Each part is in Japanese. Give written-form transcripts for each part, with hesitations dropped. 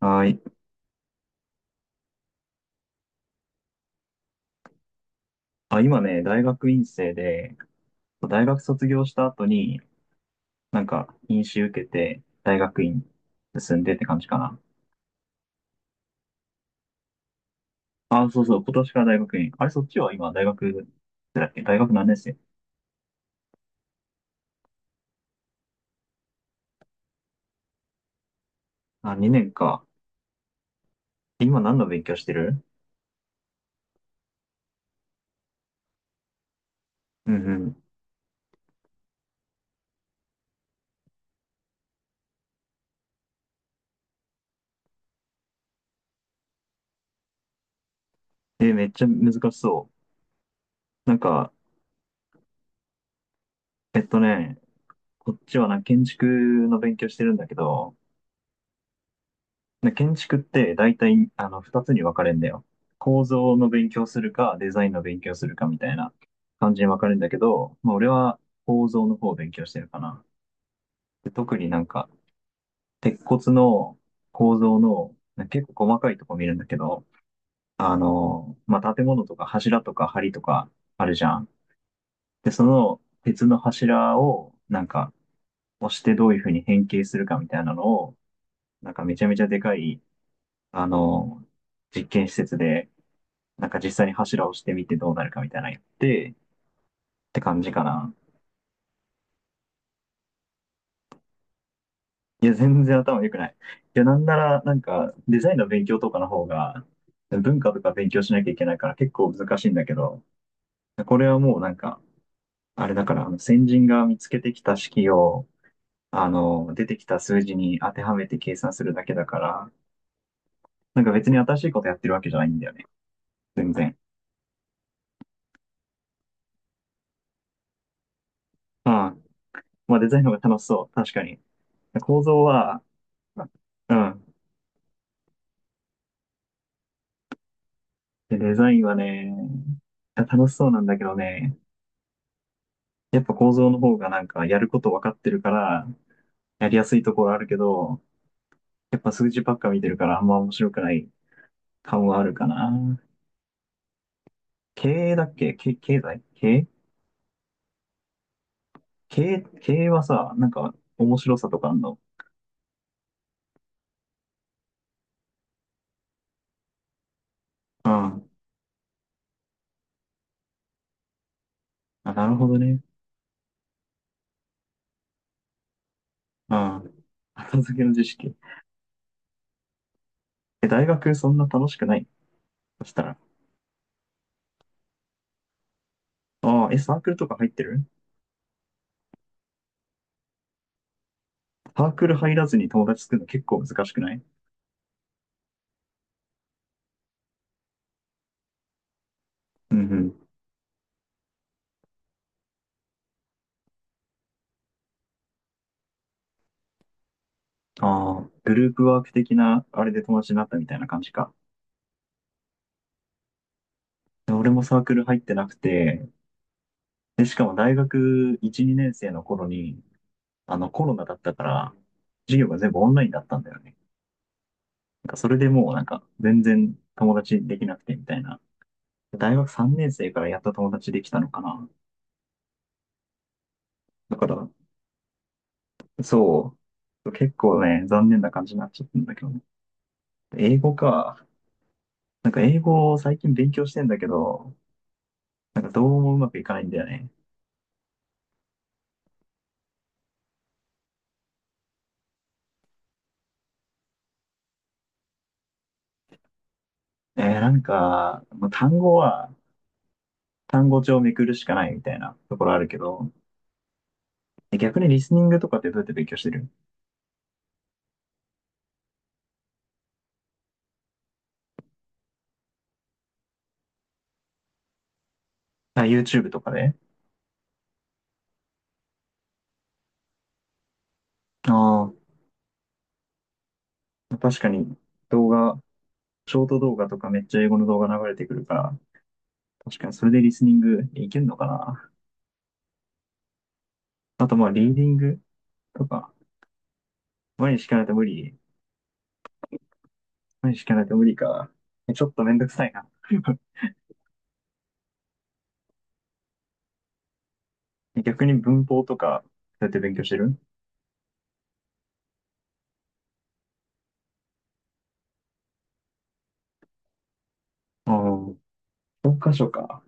はい。あ、今ね、大学院生で、大学卒業した後に、院試受けて、大学院進んでって感じかな。あ、そうそう、今年から大学院。あれ、そっちは今、大学、だっけ大学何年生？あ、2年か。今何の勉強してる？うんうん。え、めっちゃ難しそう。えっとね、こっちはな、建築の勉強してるんだけど、で建築って大体あの二つに分かれるんだよ。構造の勉強するかデザインの勉強するかみたいな感じに分かれるんだけど、まあ、俺は構造の方を勉強してるかな。で特になんか鉄骨の構造の結構細かいとこ見るんだけど、まあ、建物とか柱とか梁とかあるじゃん。で、その鉄の柱をなんか押してどういうふうに変形するかみたいなのを、なんかめちゃめちゃでかい、あの、実験施設でなんか実際に柱をしてみてどうなるかみたいなのやって、って感じかな。いや、全然頭良くない。いや、なんなら、なんか、デザインの勉強とかの方が、文化とか勉強しなきゃいけないから結構難しいんだけど、これはもうなんか、あれだから、先人が見つけてきた式を、出てきた数字に当てはめて計算するだけだから、なんか別に新しいことやってるわけじゃないんだよね。全然。うん。まあデザインの方が楽しそう。確かに。構造は、うん。でデザインはね、楽しそうなんだけどね、やっぱ構造の方がなんかやること分かってるから、やりやすいところあるけど、やっぱ数字ばっか見てるからあんま面白くない感はあるかな。経営だっけ経済経営？経営、経営はさ、なんか面白さとかあんの？うん。あ、なるほどね。うん。後付けの知識。え、大学そんな楽しくないそしたら？ああ、え、サークルとか入ってる？サークル入らずに友達作るの結構難しくない？うんうん。ああ、グループワーク的な、あれで友達になったみたいな感じか。で俺もサークル入ってなくて、で、しかも大学1、2年生の頃に、コロナだったから、授業が全部オンラインだったんだよね。それでもう、全然友達できなくてみたいな。大学3年生からやっと友達できたのかな。だから、そう、結構ね、残念な感じになっちゃったんだけどね。英語か。なんか英語を最近勉強してんだけど、なんかどうもうまくいかないんだよね。もう単語は単語帳をめくるしかないみたいなところあるけど、え逆にリスニングとかってどうやって勉強してる？あ、YouTube とかで？ああ、確かに動画、ショート動画とかめっちゃ英語の動画流れてくるから、確かにそれでリスニングいけるのかな。あとまあ、リーディングとか、毎日しかないと無理。毎日しかないと無理か。えちょっとめんどくさいな。逆に文法とか、どうやって勉強してる？ああー、教科書か。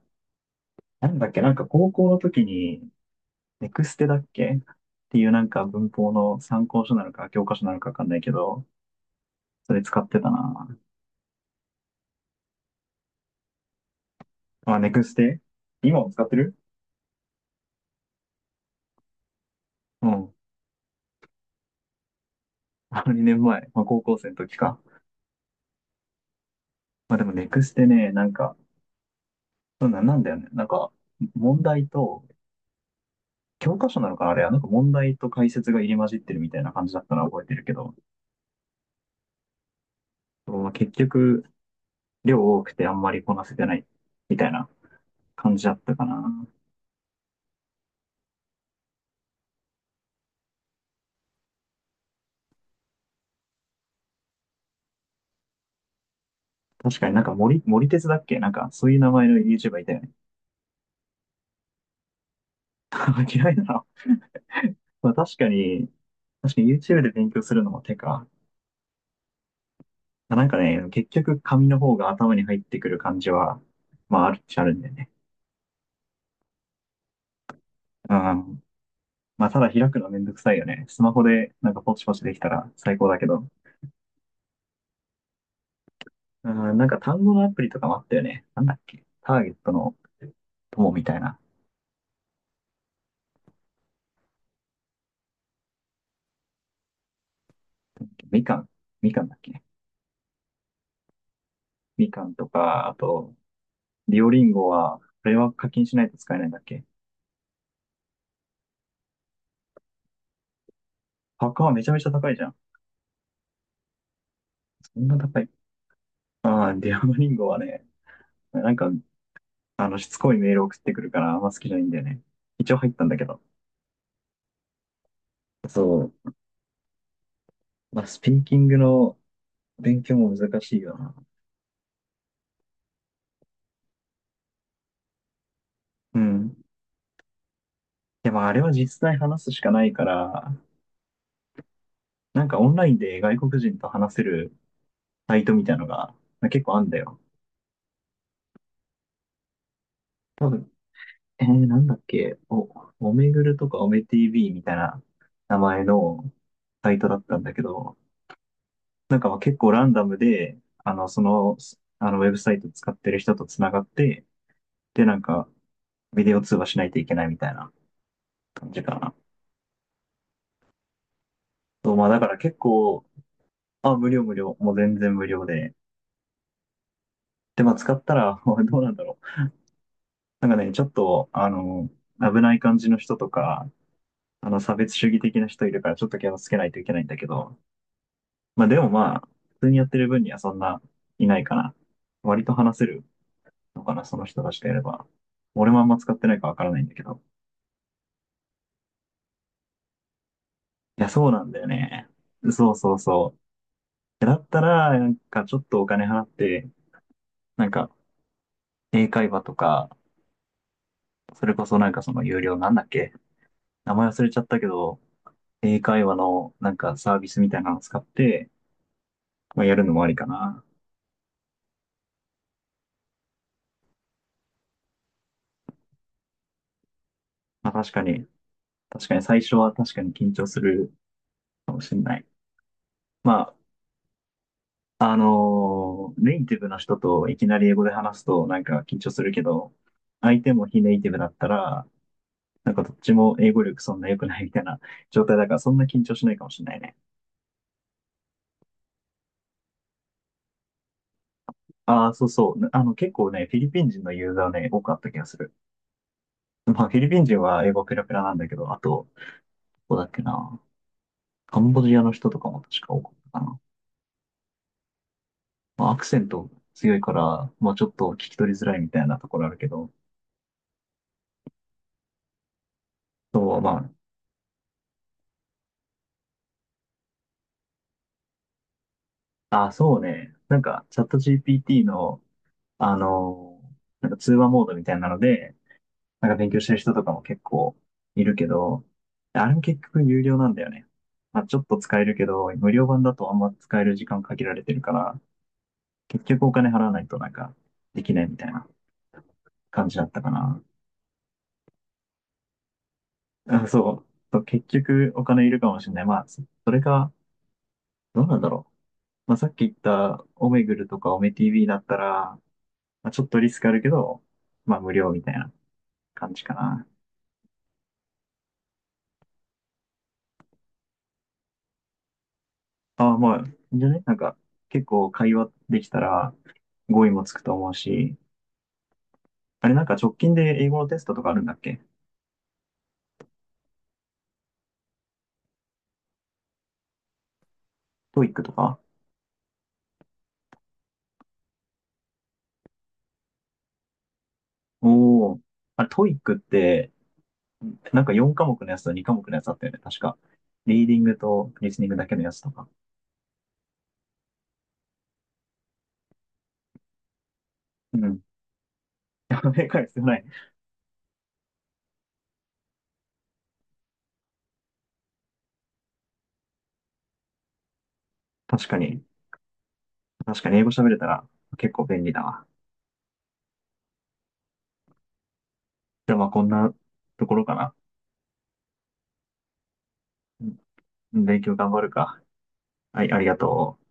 なんだっけ、なんか高校の時に、ネクステだっけっていうなんか文法の参考書なのか教科書なのかわかんないけど、それ使ってたな。あ、ネクステ今も使ってる？うん。あの2年前、まあ、高校生の時か。まあでもネクステね、なんか、そうな、なんだよね。なんか、問題と、教科書なのかなあれは、なんか問題と解説が入り混じってるみたいな感じだったのは覚えてるけど、まあ、結局、量多くてあんまりこなせてないみたいな感じだったかな。確かに森鉄だっけなんか、そういう名前の YouTuber いたよね。嫌いなの。まあ確かに、確かに YouTube で勉強するのも手か。まあなんかね、結局紙の方が頭に入ってくる感じは、まああるっちゃあるんだよね。うん。まあただ開くのめんどくさいよね。スマホでなんかポチポチできたら最高だけど。うん、なんか単語のアプリとかもあったよね。なんだっけ。ターゲットの友みたいな。みかん。みかんだっけ。みかんとか、あと、ディオリンゴは、これは課金しないと使えないんだっけ。パッカーはめちゃめちゃ高いじゃん。そんな高い。ああ、ディオリンゴはね、なんか、しつこいメール送ってくるから、あんま好きじゃないんだよね。一応入ったんだけど。そう。まあ、スピーキングの勉強も難しいよな。うん。でも、あれは実際話すしかないから、なんかオンラインで外国人と話せるサイトみたいのが、結構あんだよ。多分、なんだっけ、おめぐるとかおめ TV みたいな名前のサイトだったんだけど、なんかまあ結構ランダムで、あの、その、ウェブサイト使ってる人とつながって、で、なんか、ビデオ通話しないといけないみたいな感じかな。そう、まあだから結構、あ、無料、もう全然無料で。で、まあ使ったら、どうなんだろう。なんかね、ちょっと、危ない感じの人とか、差別主義的な人いるからちょっと気をつけないといけないんだけど、まあでもまあ、普通にやってる分にはそんないないかな。割と話せるのかな、その人たちとやれば。俺もあんま使ってないかわからないんだけど。いや、そうなんだよね。そうそうそだったら、なんかちょっとお金払って、なんか英会話とか、それこそなんかその有料なんだっけ名前忘れちゃったけど、英会話のなんかサービスみたいなのを使って、まあ、やるのもありかな。まあ確かに、最初は確かに緊張するかもしれない。まあ、ネイティブの人といきなり英語で話すとなんか緊張するけど、相手も非ネイティブだったら、なんかどっちも英語力そんな良くないみたいな状態だからそんな緊張しないかもしれないね。ああ、そうそう。あの結構ね、フィリピン人のユーザーね、多くあった気がする。まあ、フィリピン人は英語ペラペラなんだけど、あと、どこだっけな。カンボジアの人とかも確か多かったかな。まあ、アクセント強いから、まあ、ちょっと聞き取りづらいみたいなところあるけど、そう、まあ、あ、そうね。なんか、チャット GPT の、あの、なんか通話モードみたいなので、なんか勉強してる人とかも結構いるけど、あれも結局有料なんだよね。まあ、ちょっと使えるけど、無料版だとあんま使える時間限られてるから、結局お金払わないとなんかできないみたいな。感じだったかな。あ、そう。結局お金いるかもしれない。まあ、それか、どうなんだろう。まあ、さっき言ったオメグルとかオメ TV だったら、まあ、ちょっとリスクあるけど、まあ無料みたいな感じかな。ああ、まあ、いいんじゃね？なんか、結構会話できたら語彙もつくと思うし、あれなんか直近で英語のテストとかあるんだっけ？トーイックとか？おお。あれトーイックって、なんか4科目のやつと2科目のやつあったよね、確か。リーディングとリスニングだけのやつとか。うん。加盟会必ない。確かに。確かに英語喋れたら結構便利だわ。じゃあまあこんなところかな。うん勉強頑張るか。はい、ありがとう。